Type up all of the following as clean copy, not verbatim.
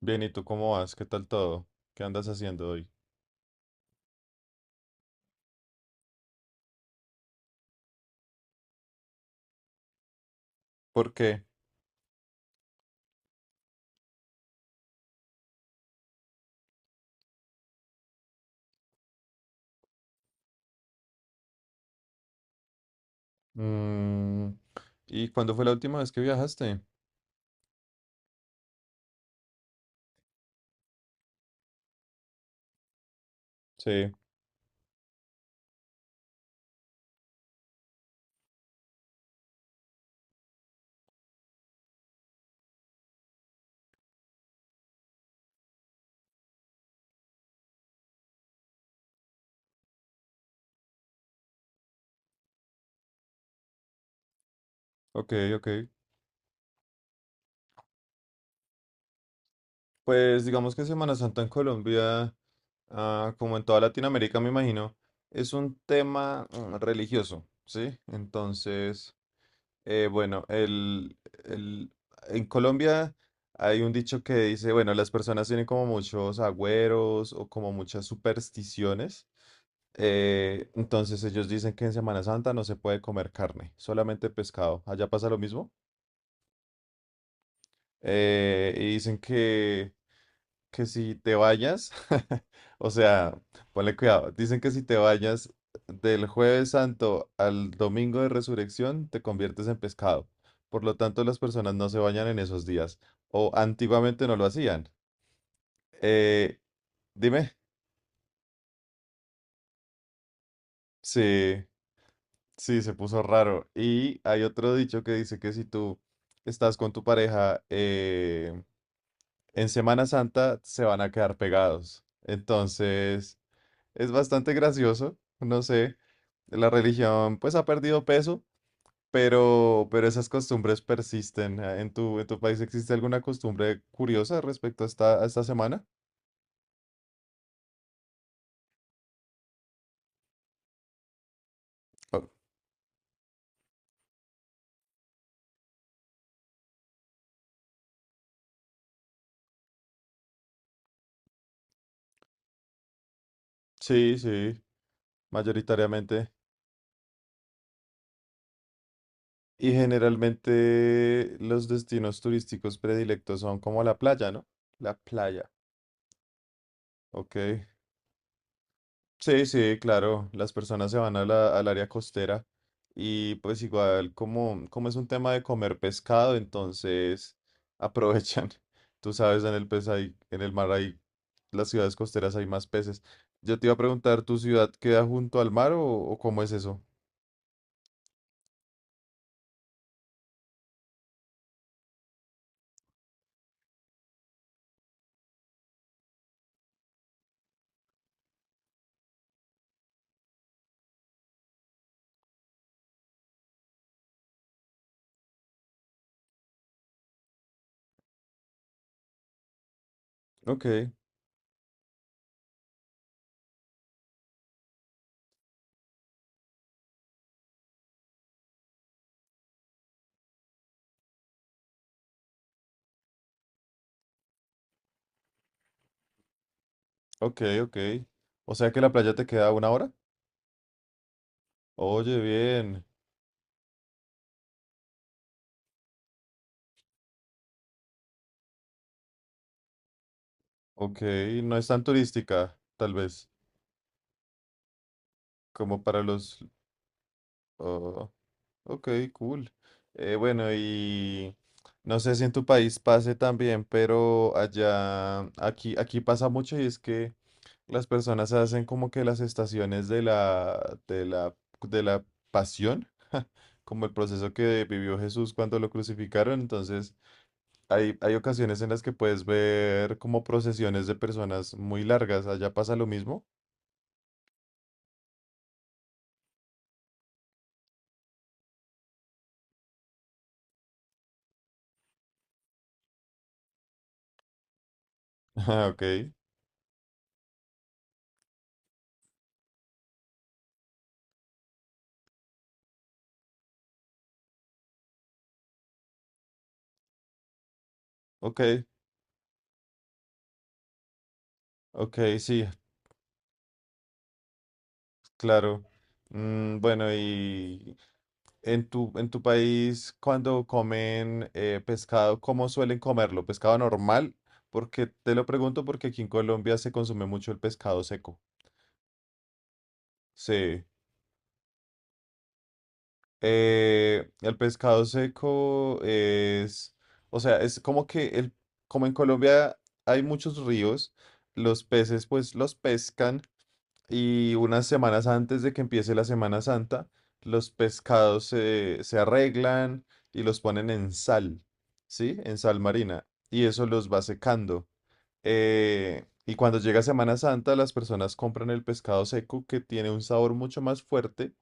Bien, ¿y tú cómo vas? ¿Qué tal todo? ¿Qué andas haciendo hoy? ¿Por qué? Mm, ¿y cuándo fue la última vez que viajaste? Sí, ok, ok. Pues digamos que Semana Santa en Colombia, ah, como en toda Latinoamérica, me imagino, es un tema religioso, ¿sí? Entonces... bueno, el- en Colombia hay un dicho que dice, bueno, las personas tienen como muchos agüeros o como muchas supersticiones. Entonces ellos dicen que en Semana Santa no se puede comer carne, solamente pescado. Allá pasa lo mismo. Y dicen que si te vayas, o sea, ponle cuidado, dicen que si te vayas del jueves santo al domingo de resurrección, te conviertes en pescado. Por lo tanto, las personas no se bañan en esos días, o antiguamente no lo hacían. Eh, Dime, sí, sí, se puso raro. Y hay otro dicho que dice que si tú estás con tu pareja en Semana Santa, se van a quedar pegados. Entonces... Es bastante gracioso, no sé. La religión pues ha perdido peso, pero esas costumbres persisten. Ah, ¿en tu país existe alguna costumbre curiosa respecto a esta semana? Oh, sí, sí, mayoritariamente. Y generalmente los destinos turísticos predilectos son como la playa, ¿no? La playa, ok. Sí, sí, claro, las personas se van a al área costera y pues igual como, como es un tema de comer pescado, entonces aprovechan. Tú sabes, en el mar hay, las ciudades costeras hay más peces. Yo te iba a preguntar, ¿tu ciudad queda junto al mar o cómo es eso? Ok, ok, ok. O sea que la playa te queda a 1 hora. Oye, bien. Ok, no es tan turística, tal vez, como para los... Oh. Ok, cool. Bueno, y no sé si en tu país pase también, pero allá, aquí pasa mucho y es que las personas hacen como que las estaciones de la pasión, como el proceso que vivió Jesús cuando lo crucificaron. Entonces, hay ocasiones en las que puedes ver como procesiones de personas muy largas. Allá pasa lo mismo. Ah, ok, ok, ok, sí, claro. Mm, bueno, y... En tu país, cuando comen pescado, ¿cómo suelen comerlo? ¿Pescado normal? Porque te lo pregunto porque aquí en Colombia se consume mucho el pescado seco. Sí. El pescado seco es, o sea, es como que el, como en Colombia hay muchos ríos, los peces pues los pescan y unas semanas antes de que empiece la Semana Santa, los pescados se arreglan y los ponen en sal, ¿sí? En sal marina. Y eso los va secando. Y cuando llega Semana Santa, las personas compran el pescado seco que tiene un sabor mucho más fuerte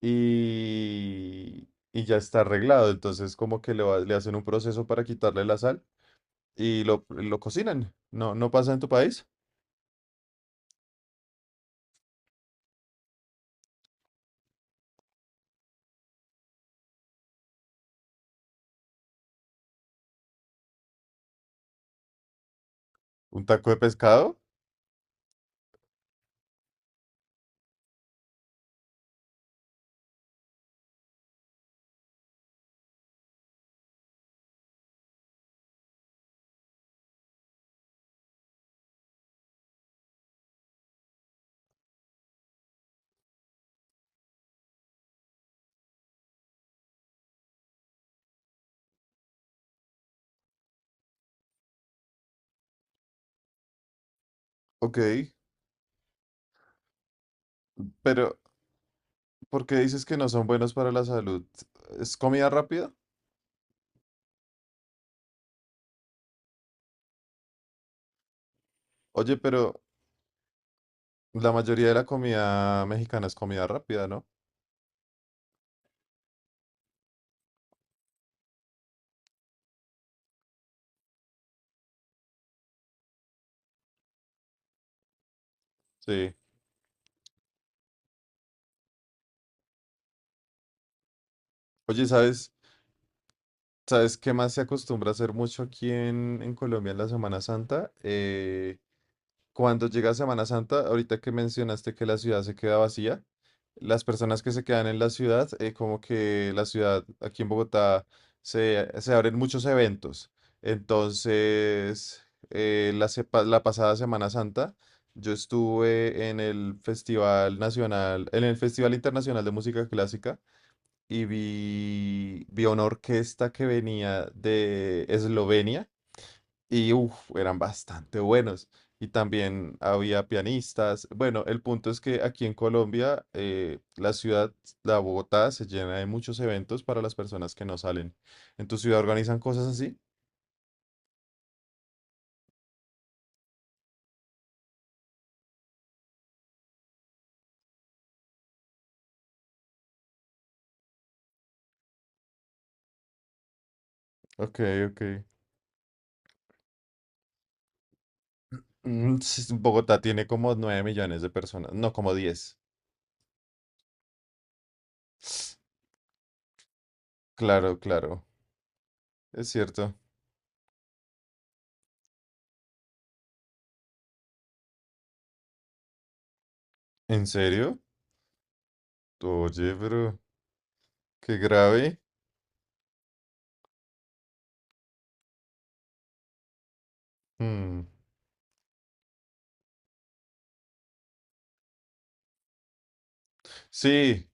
y ya está arreglado. Entonces como que le, le hacen un proceso para quitarle la sal y lo cocinan. ¿No, no pasa en tu país? ¿Un taco de pescado? Ok. Pero, ¿por qué dices que no son buenos para la salud? ¿Es comida rápida? Oye, pero la mayoría de la comida mexicana es comida rápida, ¿no? Sí. Oye, sabes qué más se acostumbra a hacer mucho aquí en Colombia en la Semana Santa? Cuando llega Semana Santa, ahorita que mencionaste que la ciudad se queda vacía, las personas que se quedan en la ciudad, como que la ciudad aquí en Bogotá se abren muchos eventos. Entonces, la pasada Semana Santa, yo estuve en el Festival Nacional, en el Festival Internacional de Música Clásica y vi una orquesta que venía de Eslovenia y uf, eran bastante buenos. Y también había pianistas. Bueno, el punto es que aquí en Colombia, la Bogotá se llena de muchos eventos para las personas que no salen. ¿En tu ciudad organizan cosas así? Ok, ok. Mm, sí, Bogotá tiene como 9 millones de personas, no como 10. Claro, claro, es cierto. ¿En serio? Oye, pero qué grave. Mm. Sí,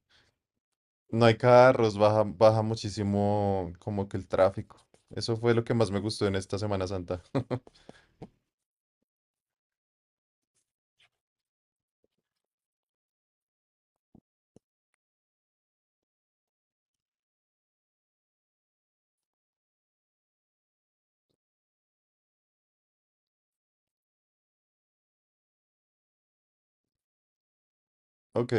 no hay carros, baja muchísimo como que el tráfico. Eso fue lo que más me gustó en esta Semana Santa. Ok,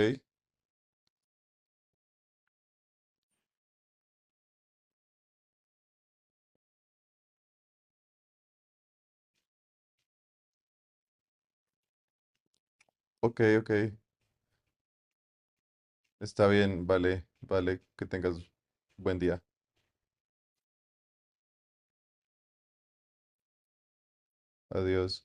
ok, ok. Está bien, vale, que tengas buen día. Adiós.